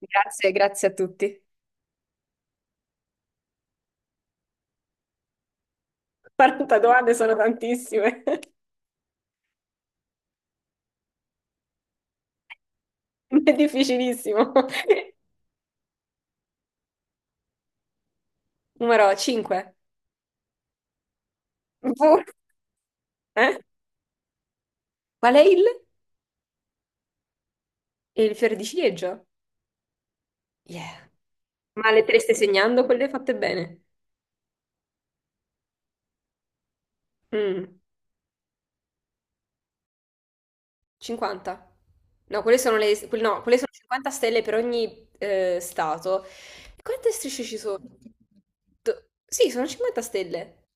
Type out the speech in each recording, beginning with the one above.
Grazie, grazie a tutti. 40 domande sono tantissime, è difficilissimo. Numero 5. Boh. Eh? Qual è il? Il fiore di ciliegio? Yeah. Ma le te le stai segnando? Quelle fatte bene. Mm, 50. No, quelle sono le... no, quelle sono 50 stelle per ogni stato. E quante strisce ci sono? Sì, sono 50 stelle.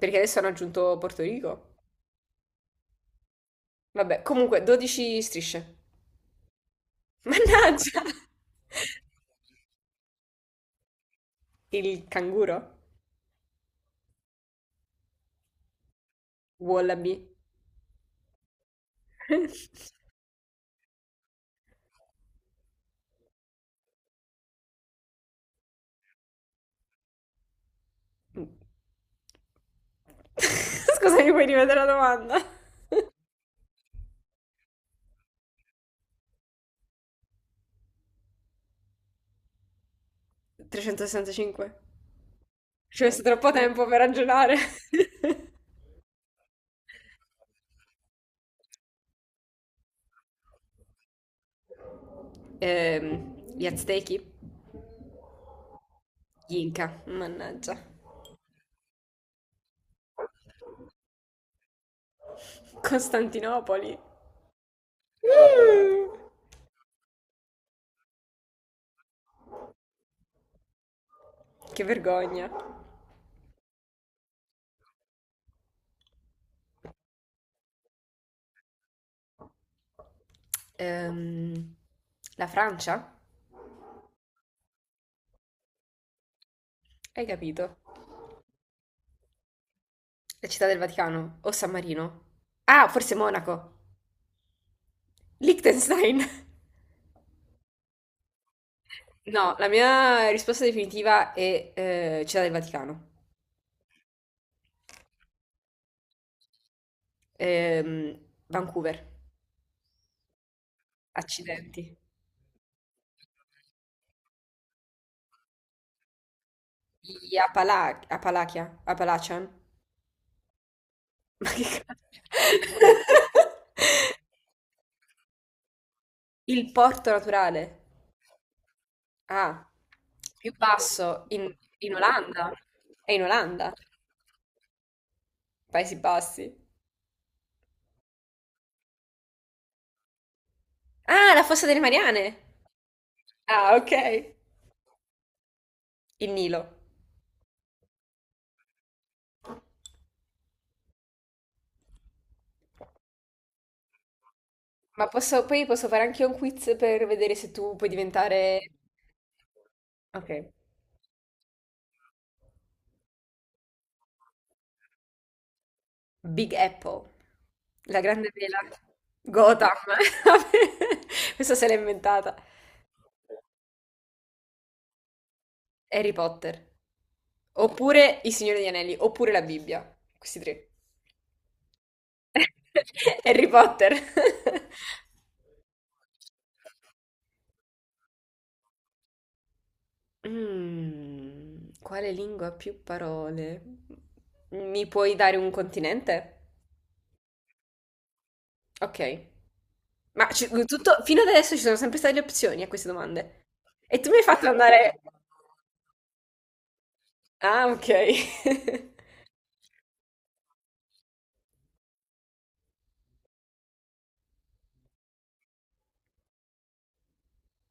Perché adesso hanno aggiunto Porto Rico. Vabbè, comunque, 12 strisce. Mannaggia! Il canguro? Wallaby? Scusami, puoi rivedere la domanda? 365. Ci ho messo troppo tempo per ragionare. Gli Aztechi? Gli Inca? Mannaggia. Costantinopoli? Mm, che vergogna. Ehm, la Francia? Hai capito? La città del Vaticano? O San Marino? Ah, forse Monaco. Liechtenstein. No, la mia risposta definitiva è Città del Vaticano. Ehm, Vancouver, accidenti. Apalachia, Appalachian, ma che cazzo? Il porto naturale, ah, più basso, in, in Olanda, è in Olanda, Paesi Bassi. Ah, la Fossa delle Mariane, ah, ok, il Nilo. Ma posso, poi posso fare anche un quiz per vedere se tu puoi diventare... Ok. Big Apple. La grande vela. Gotham. Questa se l'ha inventata. Harry Potter. Oppure Il Signore degli Anelli. Oppure la Bibbia. Questi tre. Harry Potter. Mm, quale lingua ha più parole? Mi puoi dare un continente? Ok. Tutto, fino ad adesso ci sono sempre state le opzioni a queste domande. E tu mi hai fatto andare... Ah, ok.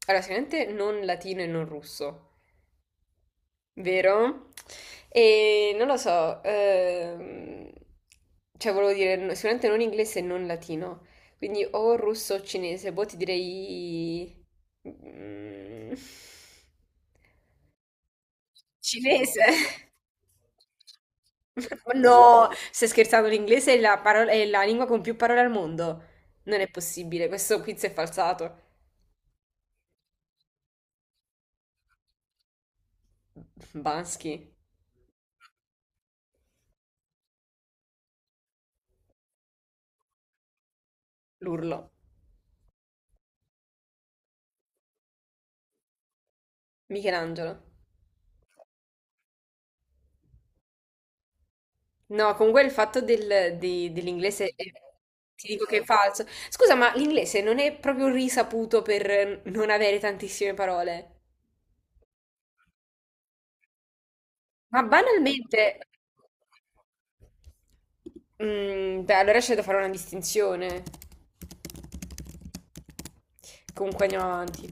Allora, sicuramente non latino e non russo, vero? E non lo so, cioè volevo dire, sicuramente non inglese e non latino. Quindi o russo o cinese, boh, ti direi... mm, Cinese. Ma no, stai scherzando, l'inglese è la parola- è la lingua con più parole al mondo. Non è possibile, questo quiz è falsato. Bansky. L'urlo. Michelangelo. No, comunque il fatto del- di- dell'inglese ti dico che è falso. Scusa, ma l'inglese non è proprio risaputo per non avere tantissime parole. Ma banalmente, mm, beh, allora c'è da fare una distinzione. Comunque andiamo avanti.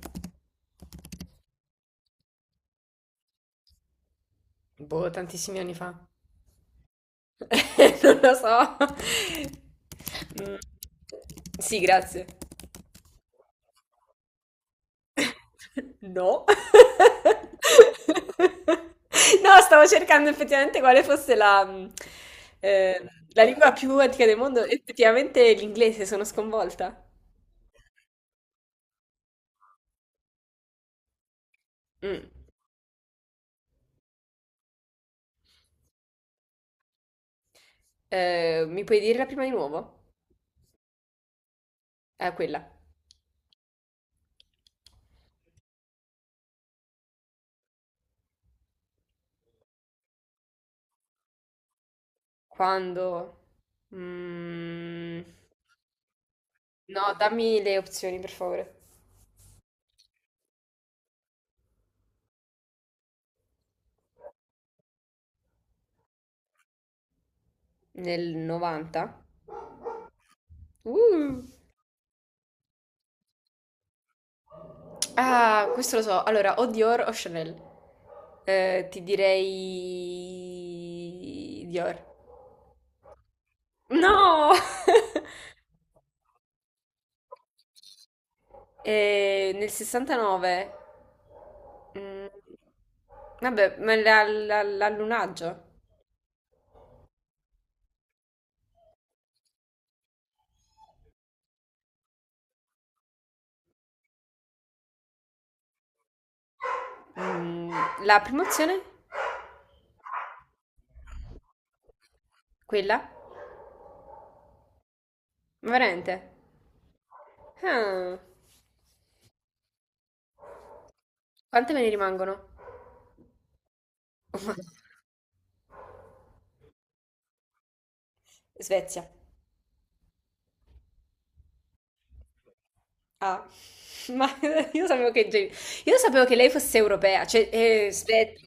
Boh, tantissimi anni fa. Non lo so. Mm, Sì, grazie. No. No, stavo cercando effettivamente quale fosse la, eh, la lingua più antica del mondo. Effettivamente l'inglese, sono sconvolta. Mm. Mi puoi dire la prima di nuovo? Quella. Quando? Mm, No, dammi le opzioni, per favore. Nel 90? Uh. Ah, questo lo so. Allora, o Dior o Chanel. Ti direi Dior. No! Nel 69. Mm, vabbè, ma l'allunaggio. Mm, la prima opzione? Quella? Ma veramente? Ah, quante me ne rimangono? Svezia. Ah, ma io sapevo che, io sapevo che lei fosse europea, cioè, svedese.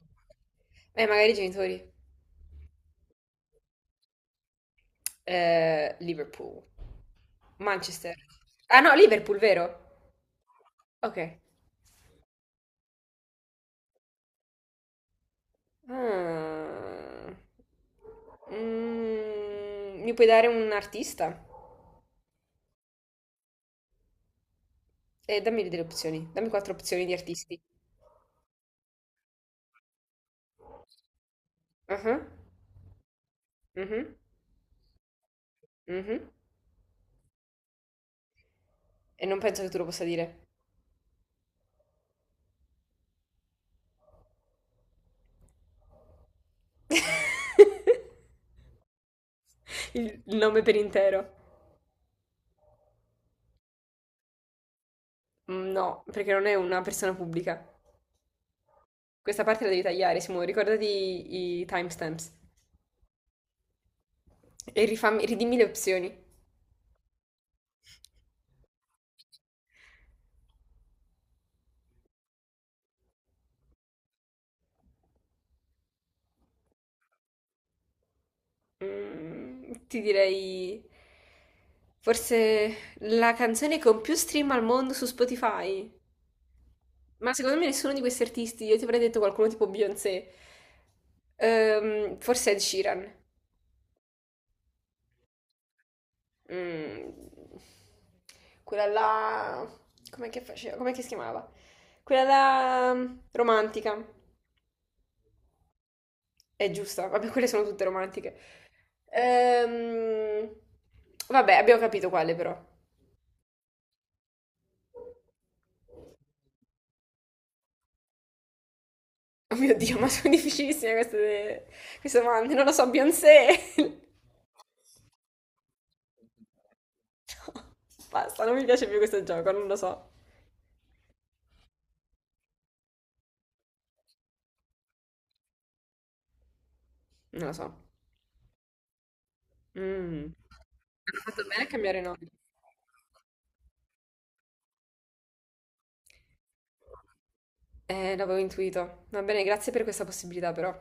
Magari i genitori. Liverpool, Manchester. Ah no, Liverpool, vero? Ok. Ah. Mm, mi puoi dare un artista? Dammi delle opzioni, dammi quattro opzioni di artisti. Ah, mhm, mhm. E non penso che tu lo possa dire. Il nome per intero. No, perché non è una persona pubblica. Questa parte la devi tagliare, Simo, ricordati i timestamps. E rifammi, ridimmi le opzioni. Mm, ti direi... Forse la canzone con più stream al mondo su Spotify. Ma secondo me nessuno di questi artisti, io ti avrei detto qualcuno tipo Beyoncé. Forse Ed Sheeran. Mm, quella là... Com'è che faceva? Com'è che si chiamava? Quella là... mm, romantica. È giusta, vabbè, quelle sono tutte romantiche. Ehm, vabbè, abbiamo capito quale però. Oh mio Dio, ma sono difficilissime queste, queste domande. Non lo so, Beyoncé. No, basta, non mi piace più questo gioco, non lo so. Non lo so. Mm. Hanno fatto bene a cambiare nome. L'avevo intuito. Va bene, grazie per questa possibilità però.